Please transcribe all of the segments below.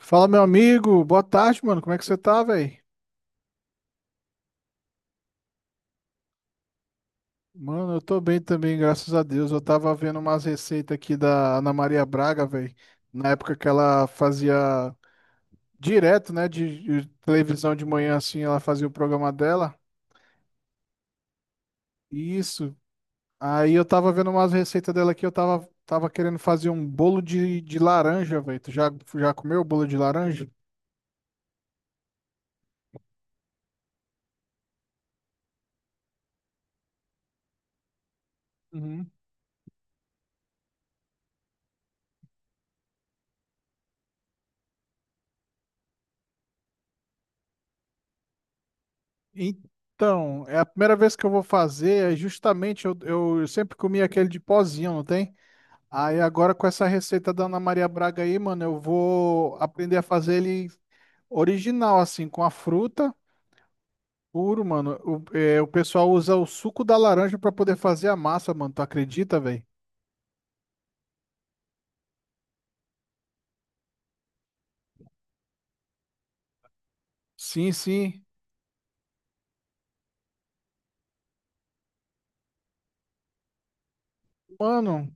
Fala, meu amigo. Boa tarde, mano. Como é que você tá, velho? Mano, eu tô bem também, graças a Deus. Eu tava vendo umas receitas aqui da Ana Maria Braga, velho. Na época que ela fazia direto, né, de televisão de manhã, assim, ela fazia o programa dela. Isso. Aí eu tava vendo umas receitas dela aqui. Eu tava querendo fazer um bolo de laranja, velho. Já comeu bolo de laranja? Uhum. Então, é a primeira vez que eu vou fazer. É justamente, eu sempre comi aquele de pozinho, não tem? Aí agora com essa receita da Ana Maria Braga aí, mano, eu vou aprender a fazer ele original, assim, com a fruta puro, mano. O, é, o pessoal usa o suco da laranja pra poder fazer a massa, mano. Tu acredita, velho? Sim, sim. Mano,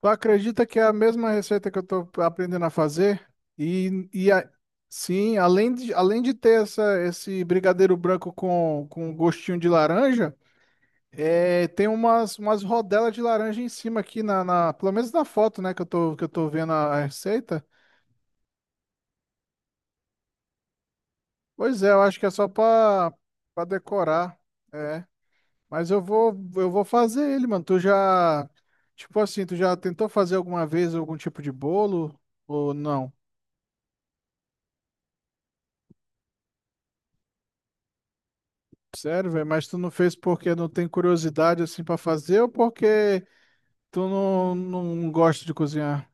tu acredita que é a mesma receita que eu tô aprendendo a fazer? E, e a- sim, além de ter esse brigadeiro branco com gostinho de laranja. É, tem umas rodelas de laranja em cima aqui, pelo menos na foto, né, que eu tô vendo a receita. Pois é, eu acho que é só pra decorar. É. Mas eu vou, eu vou fazer ele, mano. Tipo assim, tu já tentou fazer alguma vez algum tipo de bolo? Ou não? Sério, velho? Mas tu não fez porque não tem curiosidade, assim, pra fazer ou porque tu não, não gosta de cozinhar?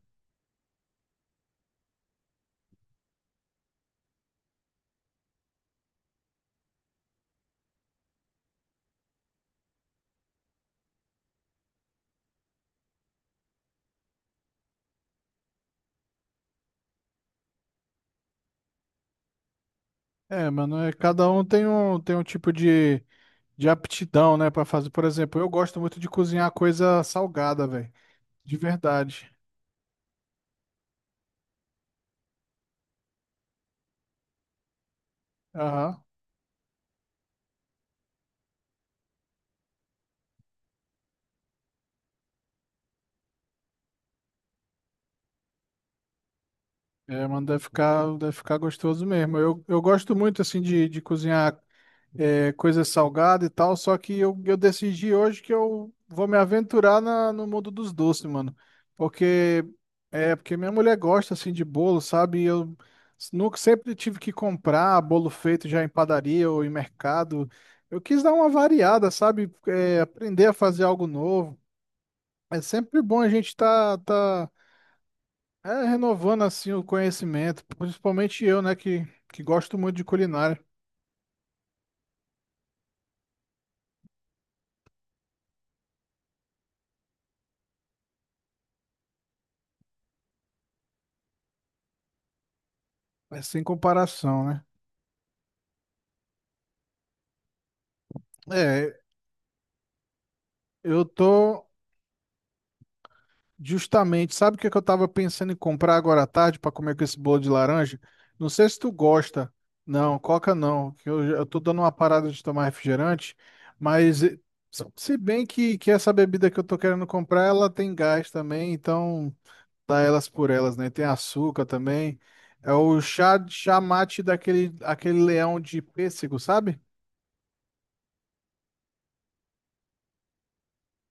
É, mano, é, cada um tem tem um tipo de aptidão, né, pra fazer. Por exemplo, eu gosto muito de cozinhar coisa salgada, velho. De verdade. Aham. É, mano, deve ficar gostoso mesmo. Eu gosto muito, assim, de cozinhar. É, coisa salgada e tal, só que eu decidi hoje que eu vou me aventurar no mundo dos doces, mano. Porque é porque minha mulher gosta assim de bolo, sabe? E eu nunca sempre tive que comprar bolo feito já em padaria ou em mercado. Eu quis dar uma variada, sabe? É, aprender a fazer algo novo. É sempre bom a gente tá é, renovando assim o conhecimento, principalmente eu, né, que gosto muito de culinária. É sem comparação, né? É, eu tô justamente, sabe o que que eu tava pensando em comprar agora à tarde para comer com esse bolo de laranja? Não sei se tu gosta. Não, Coca não, que eu tô dando uma parada de tomar refrigerante, mas se se bem que essa bebida que eu tô querendo comprar, ela tem gás também, então dá elas por elas, né? Tem açúcar também. É o chá mate daquele aquele leão de pêssego, sabe?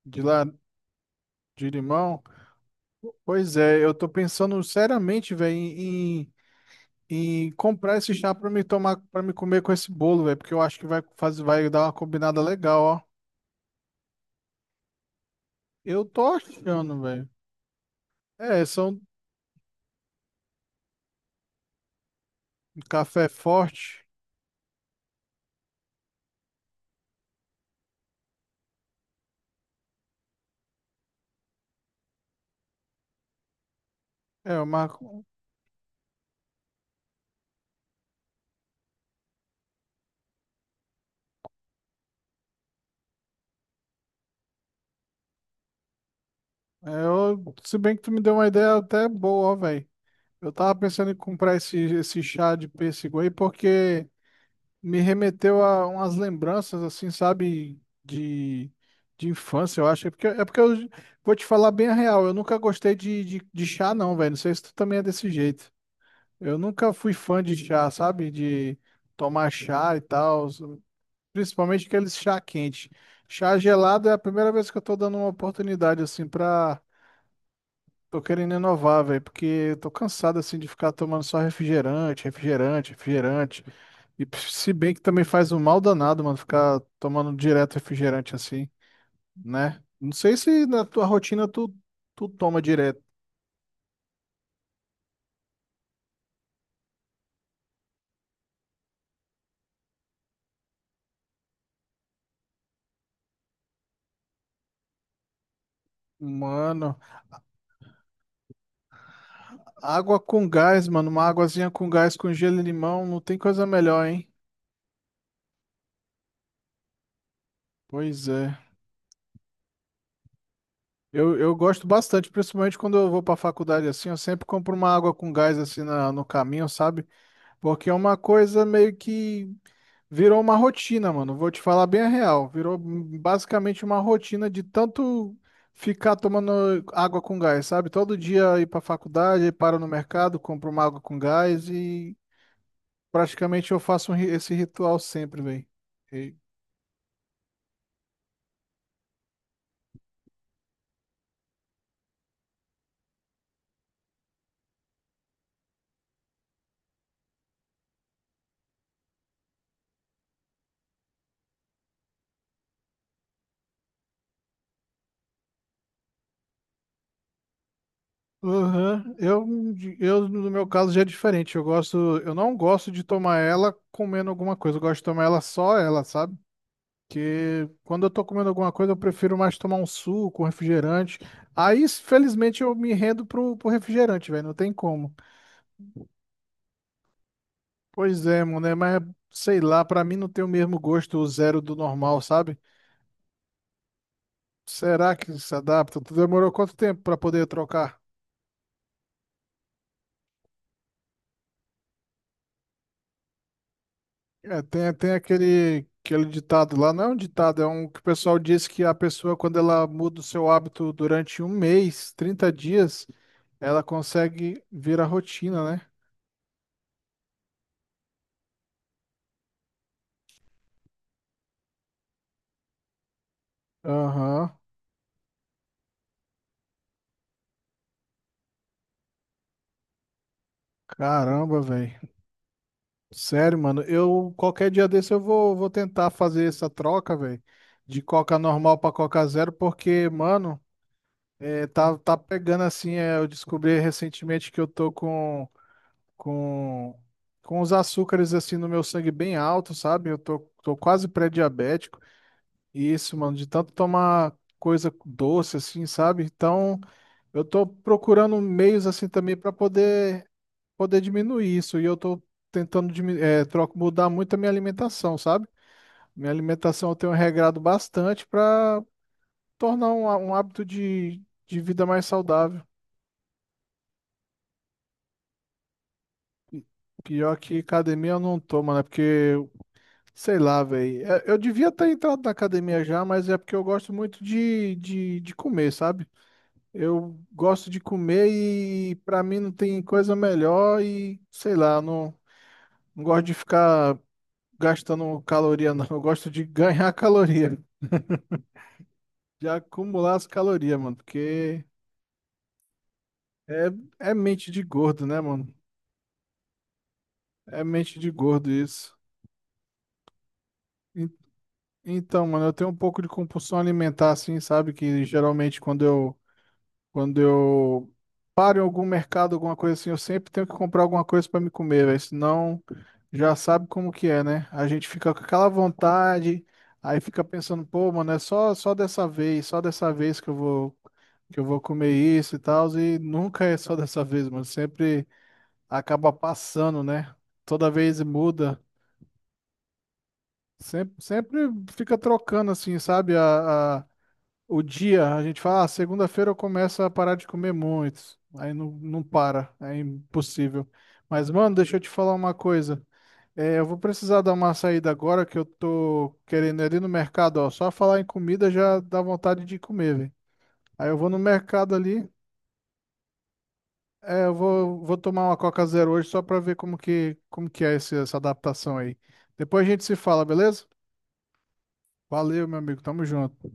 De lá, de limão. Pois é, eu tô pensando seriamente, velho, em, e comprar esse chá pra me tomar, para me comer com esse bolo, velho, porque eu acho que vai dar uma combinada legal, ó. Eu tô achando, velho. É, são café forte. É, uma, é, eu, se bem que tu me deu uma ideia até boa, ó, velho. Eu tava pensando em comprar esse chá de pêssego aí porque me remeteu a umas lembranças, assim, sabe, de infância, eu acho. É porque eu vou te falar bem a real, eu nunca gostei de chá, não, velho. Não sei se tu também é desse jeito. Eu nunca fui fã de chá, sabe? De tomar chá e tal, principalmente aqueles chá quente. Chá gelado é a primeira vez que eu tô dando uma oportunidade assim pra. Tô querendo inovar, velho, porque eu tô cansado assim de ficar tomando só refrigerante, refrigerante, refrigerante. Se bem que também faz um mal danado, mano, ficar tomando direto refrigerante assim, né? Não sei se na tua rotina tu toma direto. Mano, água com gás, mano. Uma águazinha com gás, com gelo e limão, não tem coisa melhor, hein? Pois é. Eu gosto bastante, principalmente quando eu vou pra faculdade assim, eu sempre compro uma água com gás assim no caminho, sabe? Porque é uma coisa meio que virou uma rotina, mano. Vou te falar bem a real. Virou basicamente uma rotina de tanto ficar tomando água com gás, sabe? Todo dia ir pra faculdade, paro no mercado, compro uma água com gás e praticamente eu faço esse ritual sempre, velho. Aham. No meu caso, já é diferente. Eu gosto, eu não gosto de tomar ela comendo alguma coisa. Eu gosto de tomar ela só ela, sabe? Porque quando eu tô comendo alguma coisa, eu prefiro mais tomar um suco, um refrigerante. Aí, felizmente, eu me rendo pro refrigerante, velho. Não tem como. Pois é, mano, né? Mas sei lá, pra mim não tem o mesmo gosto o zero do normal, sabe? Será que se adapta? Tu demorou quanto tempo pra poder trocar? É, tem, tem aquele, aquele ditado lá, não é um ditado, é um que o pessoal diz que a pessoa, quando ela muda o seu hábito durante um mês, 30 dias, ela consegue virar rotina, né? Aham. Caramba, velho. Sério, mano. Eu, qualquer dia desse, vou tentar fazer essa troca, velho, de Coca normal pra Coca zero, porque, mano, é, tá pegando assim. É, eu descobri recentemente que eu tô com com, com os açúcares assim no meu sangue bem alto, sabe? Tô quase pré-diabético. E isso, mano, de tanto tomar coisa doce assim, sabe? Então, eu tô procurando meios assim também para poder diminuir isso. E eu tô troco, mudar muito a minha alimentação, sabe? Minha alimentação eu tenho regrado bastante para tornar um hábito de vida mais saudável. Pior que academia eu não tô, mano, é porque sei lá, velho. Eu devia ter entrado na academia já, mas é porque eu gosto muito de comer, sabe? Eu gosto de comer e pra mim não tem coisa melhor e sei lá, eu não, não gosto de ficar gastando caloria, não. Eu gosto de ganhar caloria, de acumular as calorias, mano, porque é, é mente de gordo, né, mano? É mente de gordo isso. En- então, mano, eu tenho um pouco de compulsão alimentar, assim, sabe? Que geralmente quando eu paro em algum mercado, alguma coisa assim, eu sempre tenho que comprar alguma coisa para me comer, velho. Senão, já sabe como que é, né? A gente fica com aquela vontade, aí fica pensando, pô, mano, é só, só dessa vez que eu vou comer isso e tal. E nunca é só dessa vez, mano. Sempre acaba passando, né? Toda vez muda. Sempre fica trocando, assim, sabe? O dia, a gente fala, ah, segunda-feira eu começo a parar de comer muito. Aí não para, é impossível. Mas, mano, deixa eu te falar uma coisa. É, eu vou precisar dar uma saída agora que eu tô querendo ir ali no mercado, ó. Só falar em comida já dá vontade de comer, velho. Aí eu vou no mercado ali, é, vou tomar uma Coca Zero hoje só pra ver como que é essa adaptação aí. Depois a gente se fala, beleza? Valeu, meu amigo. Tamo junto.